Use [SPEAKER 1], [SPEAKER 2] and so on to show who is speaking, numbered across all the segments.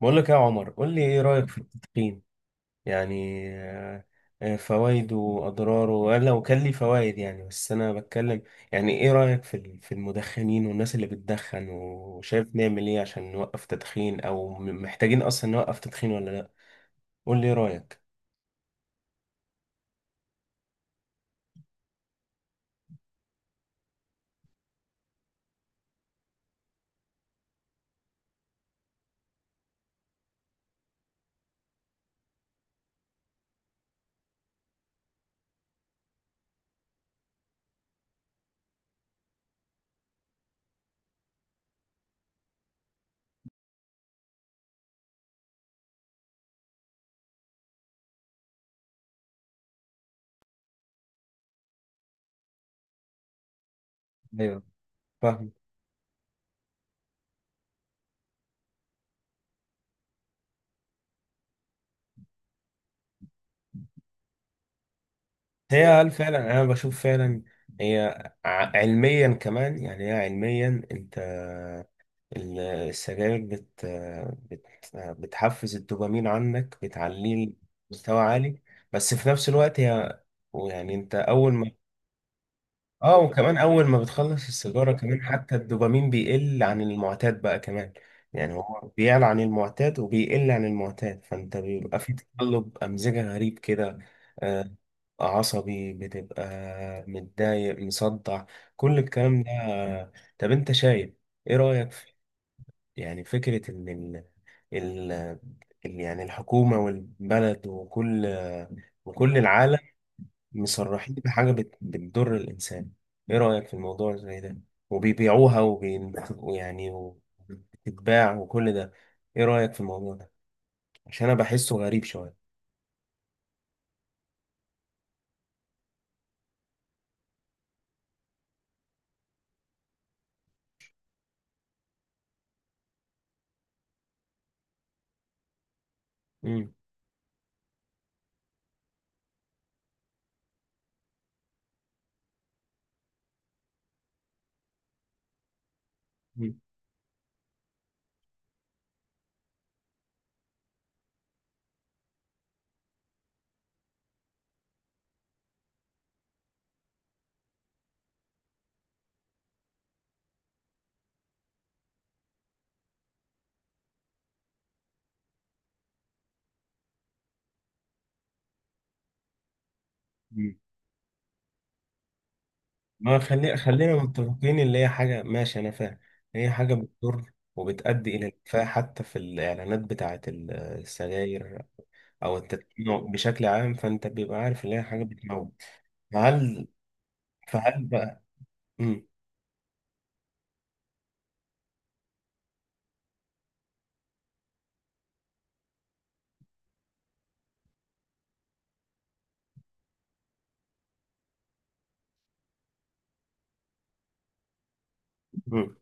[SPEAKER 1] بقول لك يا عمر، قول لي ايه رأيك في التدخين؟ يعني آه، فوائده واضراره. انا لو كان لي فوائد، يعني بس انا بتكلم. يعني ايه رأيك في في المدخنين والناس اللي بتدخن؟ وشايف نعمل ايه عشان نوقف تدخين، او محتاجين اصلا نوقف تدخين ولا لا؟ قول لي ايه رأيك. ايوه، فاهمك. هي هل فعلا، انا بشوف فعلا هي علميا كمان، يعني هي علميا انت السجاير بت بت بتحفز الدوبامين عندك، بتعليه لمستوى عالي. بس في نفس الوقت هي، ويعني انت اول ما اه. وكمان اول ما بتخلص السيجارة كمان، حتى الدوبامين بيقل عن المعتاد بقى كمان. يعني هو بيعلى عن المعتاد وبيقل عن المعتاد، فانت بيبقى في تقلب امزجة غريب كده. آه، عصبي بتبقى، متضايق، مصدع، كل الكلام ده. طب انت شايف ايه رأيك في، يعني فكرة ان ال... يعني الحكومة والبلد وكل العالم مصرحين بحاجة بتضر الإنسان؟ إيه رأيك في الموضوع زي ده؟ وبيبيعوها وبي... ويعني وبتتباع وكل ده. إيه رأيك في الموضوع ده؟ عشان أنا بحسه غريب شوية. مم. مم. مم. ما خلينا متفقين اللي هي حاجة، ماشي أنا فاهم. هي حاجة بتضر وبتؤدي إلى الإدفاع، حتى في الإعلانات بتاعة السجاير أو التدخين بشكل عام. فأنت بيبقى عارف اللي هي حاجة بتموت. فهل فهل بقى. مم. مم.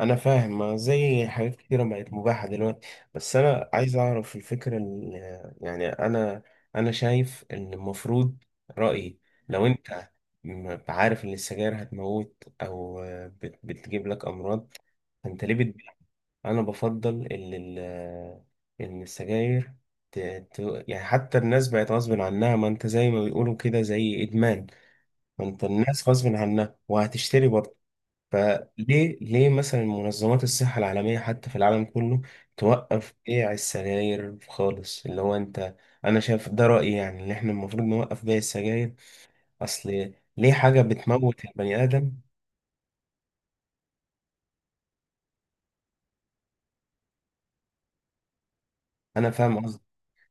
[SPEAKER 1] انا فاهم، ما زي حاجات كتيره بقت مباحه دلوقتي. بس انا عايز اعرف الفكره يعني انا شايف ان المفروض، رايي، لو انت عارف ان السجاير هتموت، او بتجيب لك امراض، فانت ليه بتبيع؟ انا بفضل ان ان السجاير ت- يعني حتى الناس بقت غصب عنها. ما انت زي ما بيقولوا كده زي ادمان، ما انت الناس غصب عنها وهتشتري برضه. فليه، مثلا منظمات الصحة العالمية حتى في العالم كله، توقف بيع السجاير خالص؟ اللي هو انت، انا شايف ده رأيي، يعني ان احنا المفروض نوقف بيع السجاير. اصل ليه حاجة بتموت البني آدم؟ انا فاهم قصدي.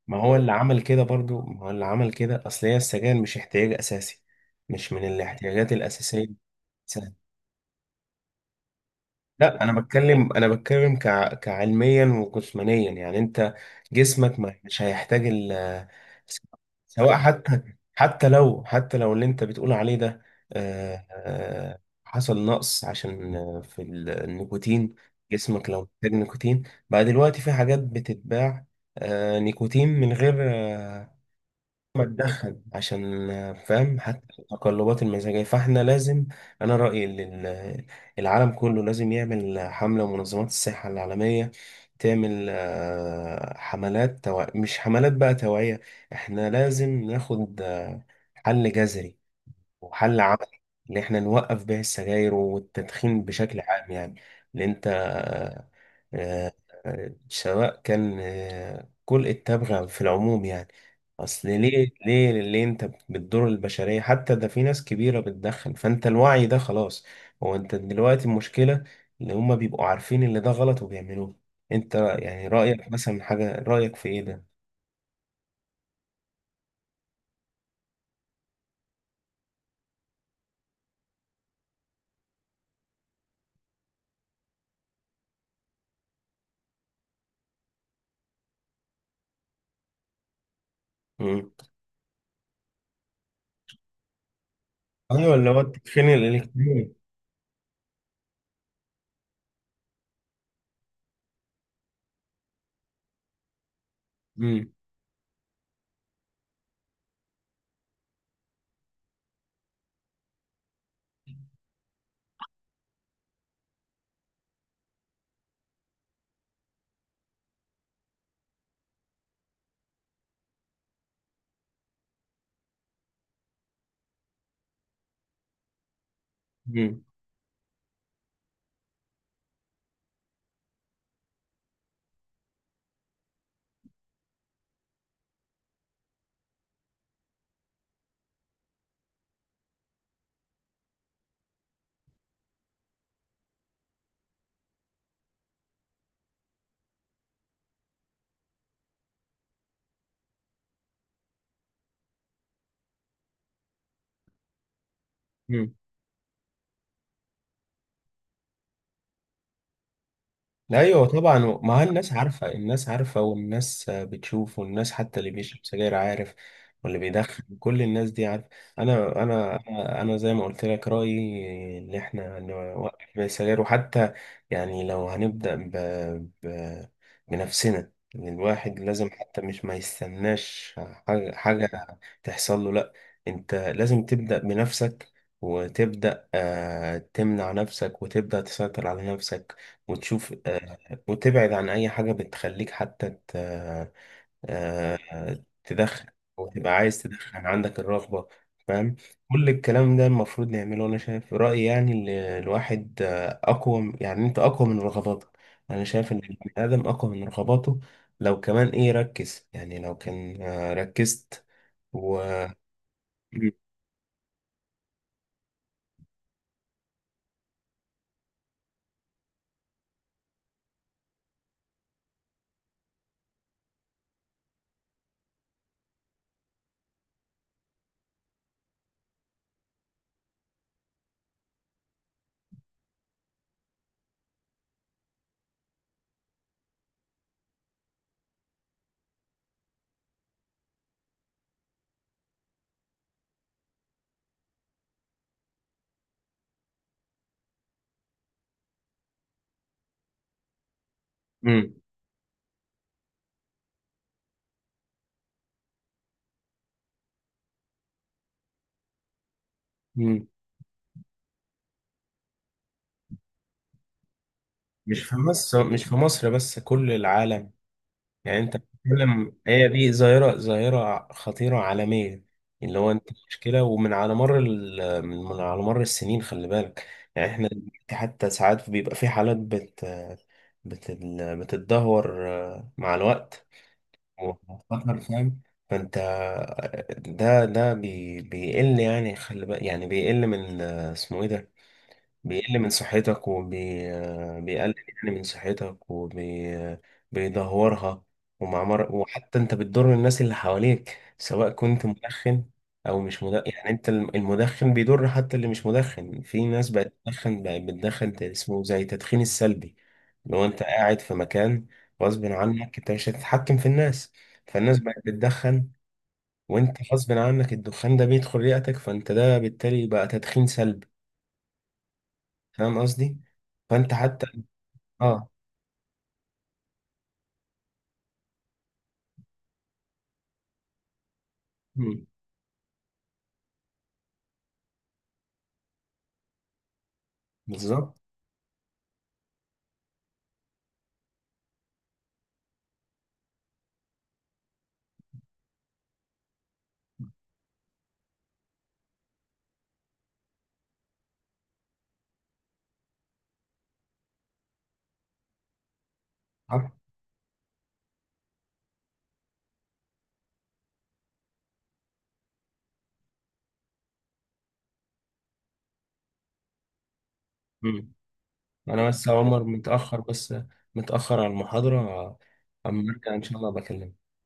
[SPEAKER 1] ما هو اللي عمل كده برضو، ما هو اللي عمل كده، اصل هي السجاير مش احتياج اساسي، مش من الاحتياجات الأساسية. لا انا بتكلم، انا بتكلم كعلميا وجسمانيا. يعني انت جسمك مش هيحتاج ال... سواء حتى، حتى لو، اللي انت بتقول عليه ده، حصل نقص عشان في النيكوتين. جسمك لو محتاج نيكوتين، بقى دلوقتي في حاجات بتتباع، نيكوتين من غير ما تدخل عشان فاهم حتى التقلبات المزاجية. فاحنا لازم، أنا رأيي إن العالم كله لازم يعمل حملة. منظمات الصحة العالمية تعمل حملات مش حملات بقى توعية، احنا لازم ناخد حل جذري وحل عملي، ان احنا نوقف بيع السجاير والتدخين بشكل عام يعني. لان انت، آه، سواء كان كل التبغ في العموم يعني. اصل ليه، انت بتضر البشرية؟ حتى ده في ناس كبيرة بتدخن، فانت الوعي ده خلاص. هو انت دلوقتي المشكلة اللي هما بيبقوا عارفين اللي ده غلط وبيعملوه. انت يعني رأيك مثلا حاجة، رأيك في ايه ده؟ مم. ايوه اللي هو التدخين الالكتروني. مم. مم. مم. ايوه طبعا، ما هي الناس عارفه، الناس عارفه، والناس بتشوف، والناس حتى اللي بيشرب سجاير عارف، واللي بيدخن كل الناس دي عارفه. انا انا انا زي ما قلت لك رايي، ان احنا نوقف بيع السجاير. وحتى يعني لو ب... بنفسنا، إن الواحد لازم حتى مش ما يستناش حاجة تحصل له، لا، انت لازم تبدا بنفسك، وتبدا تمنع نفسك، وتبدا تسيطر على نفسك، وتشوف وتبعد عن أي حاجة بتخليك حتى ت... آه، تدخن، أو تبقى عايز تدخن، عندك الرغبة، فاهم. كل الكلام ده المفروض نعمله أنا شايف في رأيي. يعني الواحد أقوى يعني، أنت أقوى من رغباتك. أنا شايف إن البني آدم أقوى من رغباته، لو كمان إيه ركز، يعني لو كان ركزت و. مم. مم. مم. مش في مصر، بس كل العالم. يعني انت بتتكلم، هي دي ظاهرة، ظاهرة خطيرة عالمية. اللي هو انت مشكلة، ومن على مر من على مر السنين، خلي بالك. يعني احنا دلوقتي حتى ساعات بيبقى في حالات بت بت بتتدهور مع الوقت، وخطر، فاهم. فانت ده، بيقل، يعني خلي بالك يعني بيقل من، اسمه ايه ده، بيقل من صحتك، وبيقلل يعني من صحتك، وبيدهورها. وحتى انت بتضر الناس اللي حواليك، سواء كنت مدخن او مش مدخن. يعني انت المدخن بيضر حتى اللي مش مدخن. في ناس بقت تدخن، اسمه زي التدخين السلبي. لو انت قاعد في مكان، غصب عنك انت مش هتتحكم في الناس، فالناس بقت بتدخن، وانت غصب عنك الدخان ده بيدخل رئتك، فانت ده بالتالي بقى تدخين سلبي. فاهم قصدي؟ فانت حتى اه. مم. بالظبط. صح. مم. انا بس يا عمر متاخر، بس متاخر على المحاضره. اما ارجع ان شاء الله بكلمك.